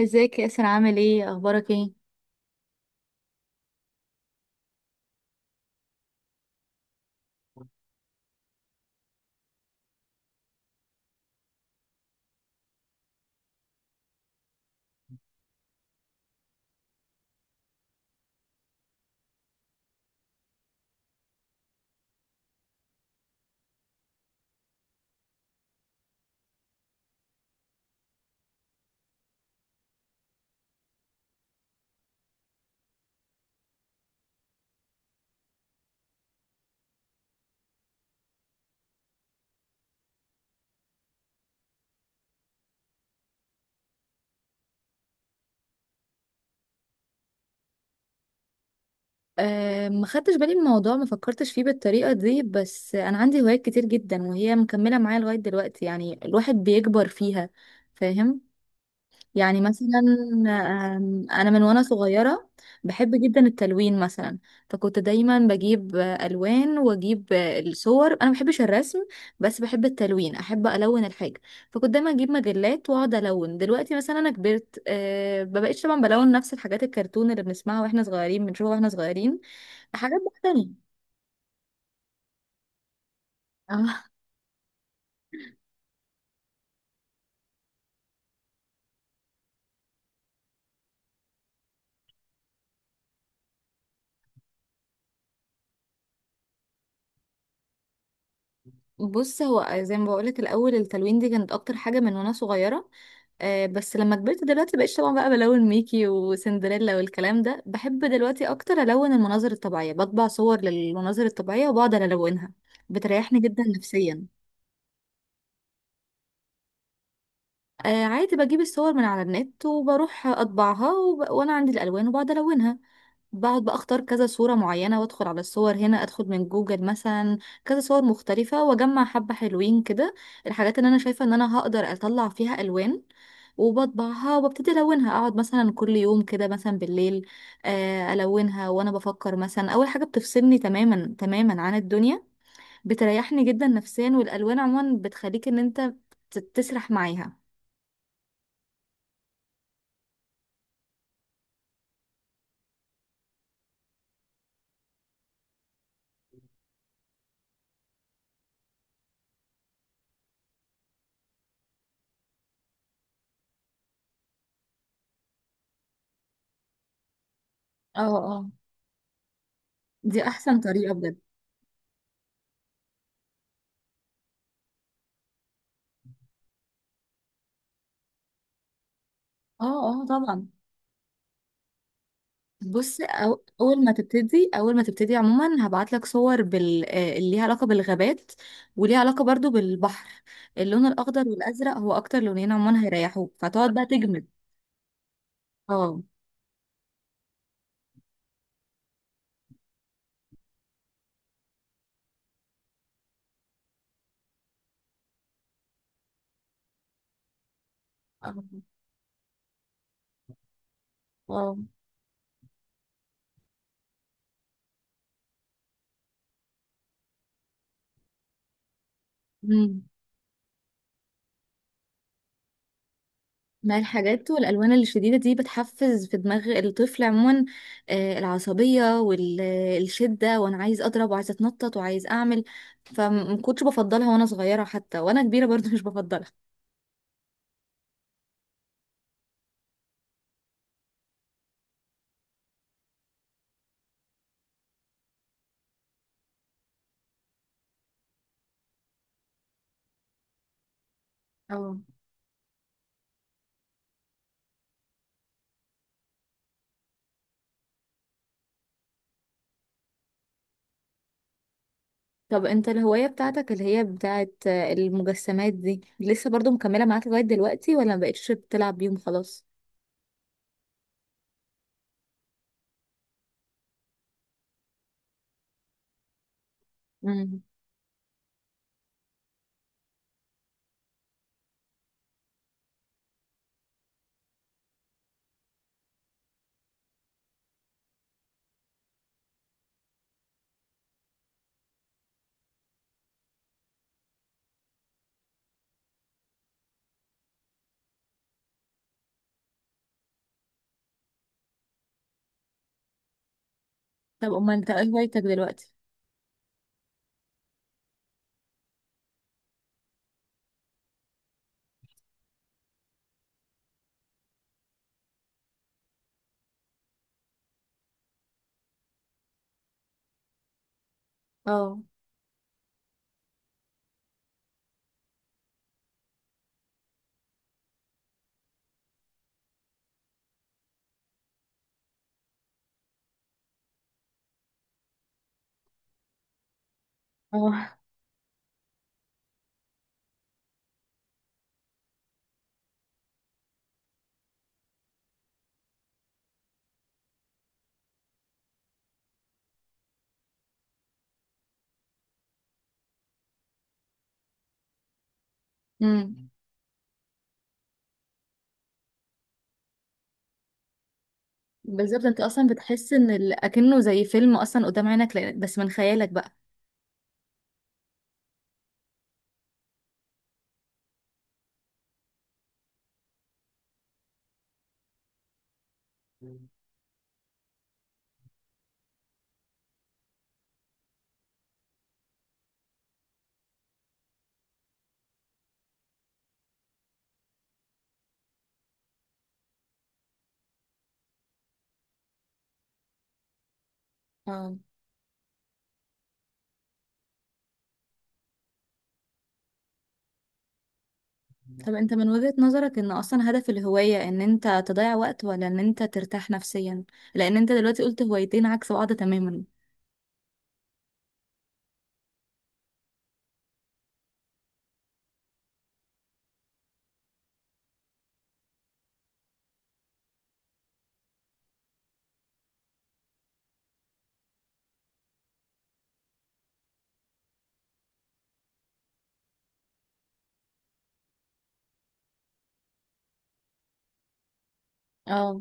ازيك يا ياسر، عامل ايه، اخبارك ايه؟ أه، ما خدتش بالي من الموضوع، ما فكرتش فيه بالطريقة دي، بس أنا عندي هوايات كتير جدا وهي مكملة معايا لغاية دلوقتي، يعني الواحد بيكبر فيها. فاهم. يعني مثلا. انا من وانا صغيره بحب جدا التلوين مثلا. فكنت دايما بجيب الوان، واجيب الصور. انا ما بحبش الرسم بس بحب التلوين، احب الون الحاجه. فكنت دايما اجيب مجلات واقعد الون. دلوقتي مثلا انا كبرت، ما بقتش طبعا بلون نفس الحاجات، الكرتون اللي بنسمعها واحنا صغيرين بنشوفها واحنا صغيرين، حاجات بقى تانية. آه، بص، هو زي ما بقولك، الاول التلوين دي كانت اكتر حاجه من وانا صغيره. بس لما كبرت دلوقتي بقيت طبعا بقى بلون ميكي وسندريلا والكلام ده. بحب دلوقتي اكتر الون المناظر الطبيعيه، بطبع صور للمناظر الطبيعيه وبقعد الونها. بتريحني جدا نفسيا. آه، عادي، بجيب الصور من على النت وبروح اطبعها، وانا عندي الالوان وبقعد الونها. بقعد بقى اختار كذا صورة معينة وادخل على الصور، هنا ادخل من جوجل مثلا، كذا صور مختلفة واجمع حبة حلوين كده، الحاجات اللي انا شايفة ان انا هقدر اطلع فيها الوان، وبطبعها وببتدي الونها. اقعد مثلا كل يوم كده مثلا بالليل، الونها وانا بفكر. مثلا اول حاجة بتفصلني تماما تماما عن الدنيا، بتريحني جدا نفسيا، والالوان عموما بتخليك ان انت تسرح معاها. اه، اه، دي احسن طريقة بجد. اه، اه، طبعا. بص، أو اول ما تبتدي اول ما تبتدي عموما هبعت لك صور بال... آه، اللي ليها علاقه بالغابات وليها علاقه برضو بالبحر. اللون الاخضر والازرق هو اكتر لونين عموما هيريحوك، فتقعد بقى تجمد. اه. اه. آه. مم. ما الحاجات والالوان الشديده دي بتحفز في دماغ الطفل عموما العصبيه والشده، وانا عايز اضرب وعايز اتنطط وعايز اعمل، فما كنتش بفضلها وانا صغيره، حتى وانا كبيره برضو مش بفضلها. اه. طب انت الهواية بتاعتك اللي هي بتاعت المجسمات دي لسه برضو مكملة معاك لغاية دلوقتي ولا مبقتش بتلعب بيهم خلاص؟ امم. طب امال انت ايه هوايتك دلوقتي؟ اه. اه. امم. بالظبط، انت اصلا بتحس ان ال- اكنه زي فيلم اصلا قدام عينك، بس من خيالك بقى. اه. طب انت من وجهة نظرك ان اصلا هدف الهواية ان انت تضيع وقت ولا ان انت ترتاح نفسيا؟ لان انت دلوقتي قلت هوايتين عكس بعض تماما. اه،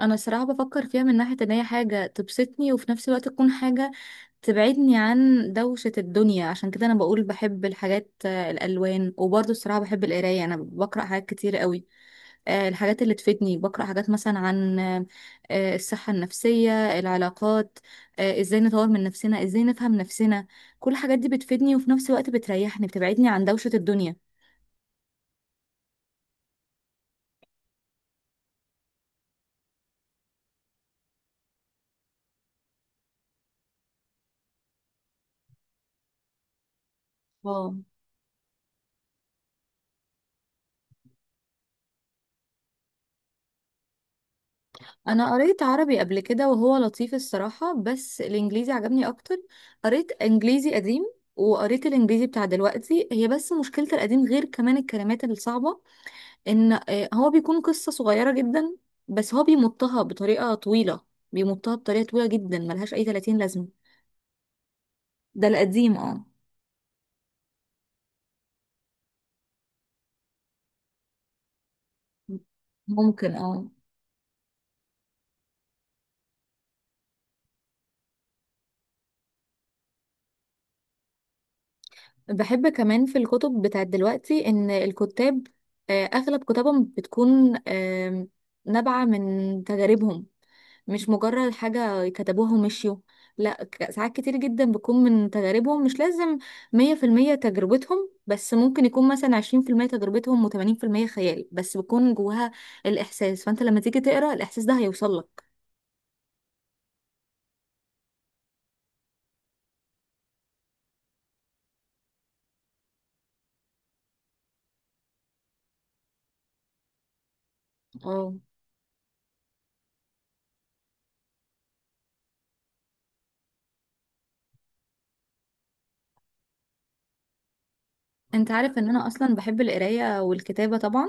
انا الصراحه بفكر فيها من ناحيه ان هي حاجه تبسطني وفي نفس الوقت تكون حاجه تبعدني عن دوشه الدنيا، عشان كده انا بقول بحب الحاجات، الالوان. وبرضه الصراحه بحب القرايه، انا بقرا حاجات كتير قوي، الحاجات اللي تفيدني، بقرا حاجات مثلا عن الصحه النفسيه، العلاقات، ازاي نطور من نفسنا، ازاي نفهم نفسنا. كل الحاجات دي بتفيدني وفي نفس الوقت بتريحني، بتبعدني عن دوشه الدنيا. اه، انا قريت عربي قبل كده وهو لطيف الصراحة، بس الانجليزي عجبني اكتر. قريت انجليزي قديم وقريت الانجليزي بتاع دلوقتي. هي بس مشكلة القديم، غير كمان الكلمات الصعبة، ان هو بيكون قصة صغيرة جدا بس هو بيمطها بطريقة طويلة، بيمطها بطريقة طويلة جدا، ملهاش اي 30 لازمة. ده القديم، اه. ممكن، اه. بحب كمان في الكتب بتاعت دلوقتي ان الكتاب اغلب كتبهم بتكون نابعة من تجاربهم، مش مجرد حاجة كتبوها ومشيوا، لا. ساعات كتير جدا بتكون من تجاربهم، مش لازم 100% تجربتهم، بس ممكن يكون مثلا 20% تجربتهم وتمانين في المية خيال، بس بيكون جواها الإحساس. فأنت لما تيجي تقرأ الإحساس ده هيوصلك. اه، أنت عارف إن أنا أصلا بحب القراية والكتابة طبعا.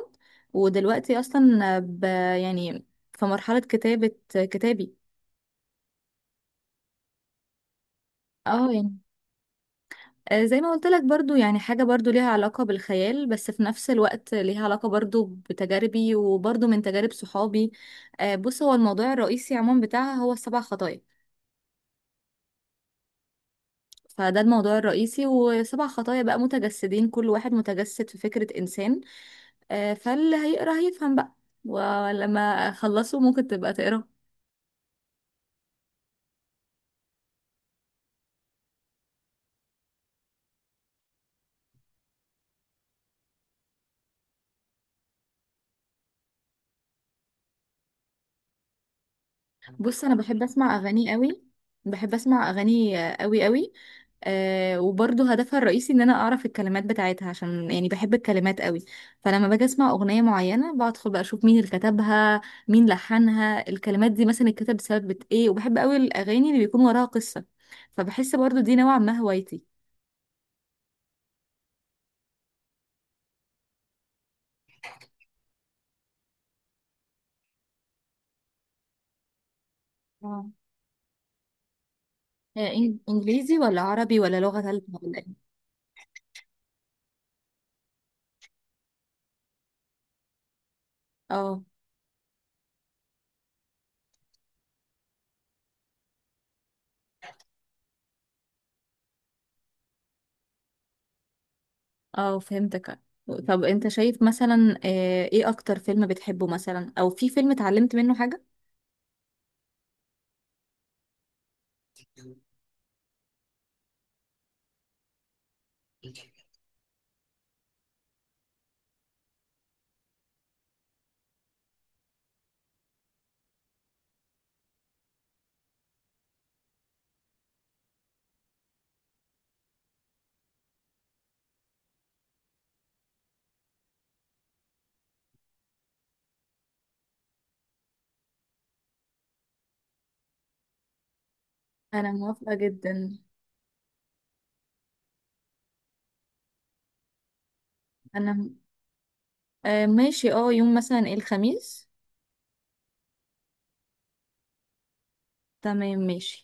ودلوقتي أصلا يعني في مرحلة كتابة كتابي. اه، يعني زي ما قلت لك برضو، يعني حاجة برضو ليها علاقة بالخيال بس في نفس الوقت ليها علاقة برضو بتجاربي، وبرضو من تجارب صحابي. بص، هو الموضوع الرئيسي عموما بتاعها هو السبع خطايا، فده الموضوع الرئيسي، وسبع خطايا بقى متجسدين، كل واحد متجسد في فكرة إنسان. فاللي هيقرأ هيفهم بقى، ولما أخلصه ممكن تبقى تقرأ. بص انا بحب اسمع اغاني قوي، بحب اسمع اغاني قوي قوي. أه، وبرضه هدفها الرئيسي ان انا اعرف الكلمات بتاعتها، عشان يعني بحب الكلمات قوي. فلما باجي اسمع اغنيه معينه بدخل بقى اشوف مين اللي كتبها، مين لحنها، الكلمات دي مثلا اتكتب بسبب ايه، وبحب قوي الاغاني اللي بيكون وراها قصه، فبحس برضه دي نوعا ما هوايتي. آه. انجليزي ولا عربي ولا لغه ثالثه ولا ايه؟ اه، اه، فهمتك. طب انت شايف مثلا ايه اكتر فيلم بتحبه مثلا، او في فيلم اتعلمت منه حاجة؟ انا موافقة جدا. انا ماشي، اه، يوم مثلا ايه، الخميس. تمام ماشي.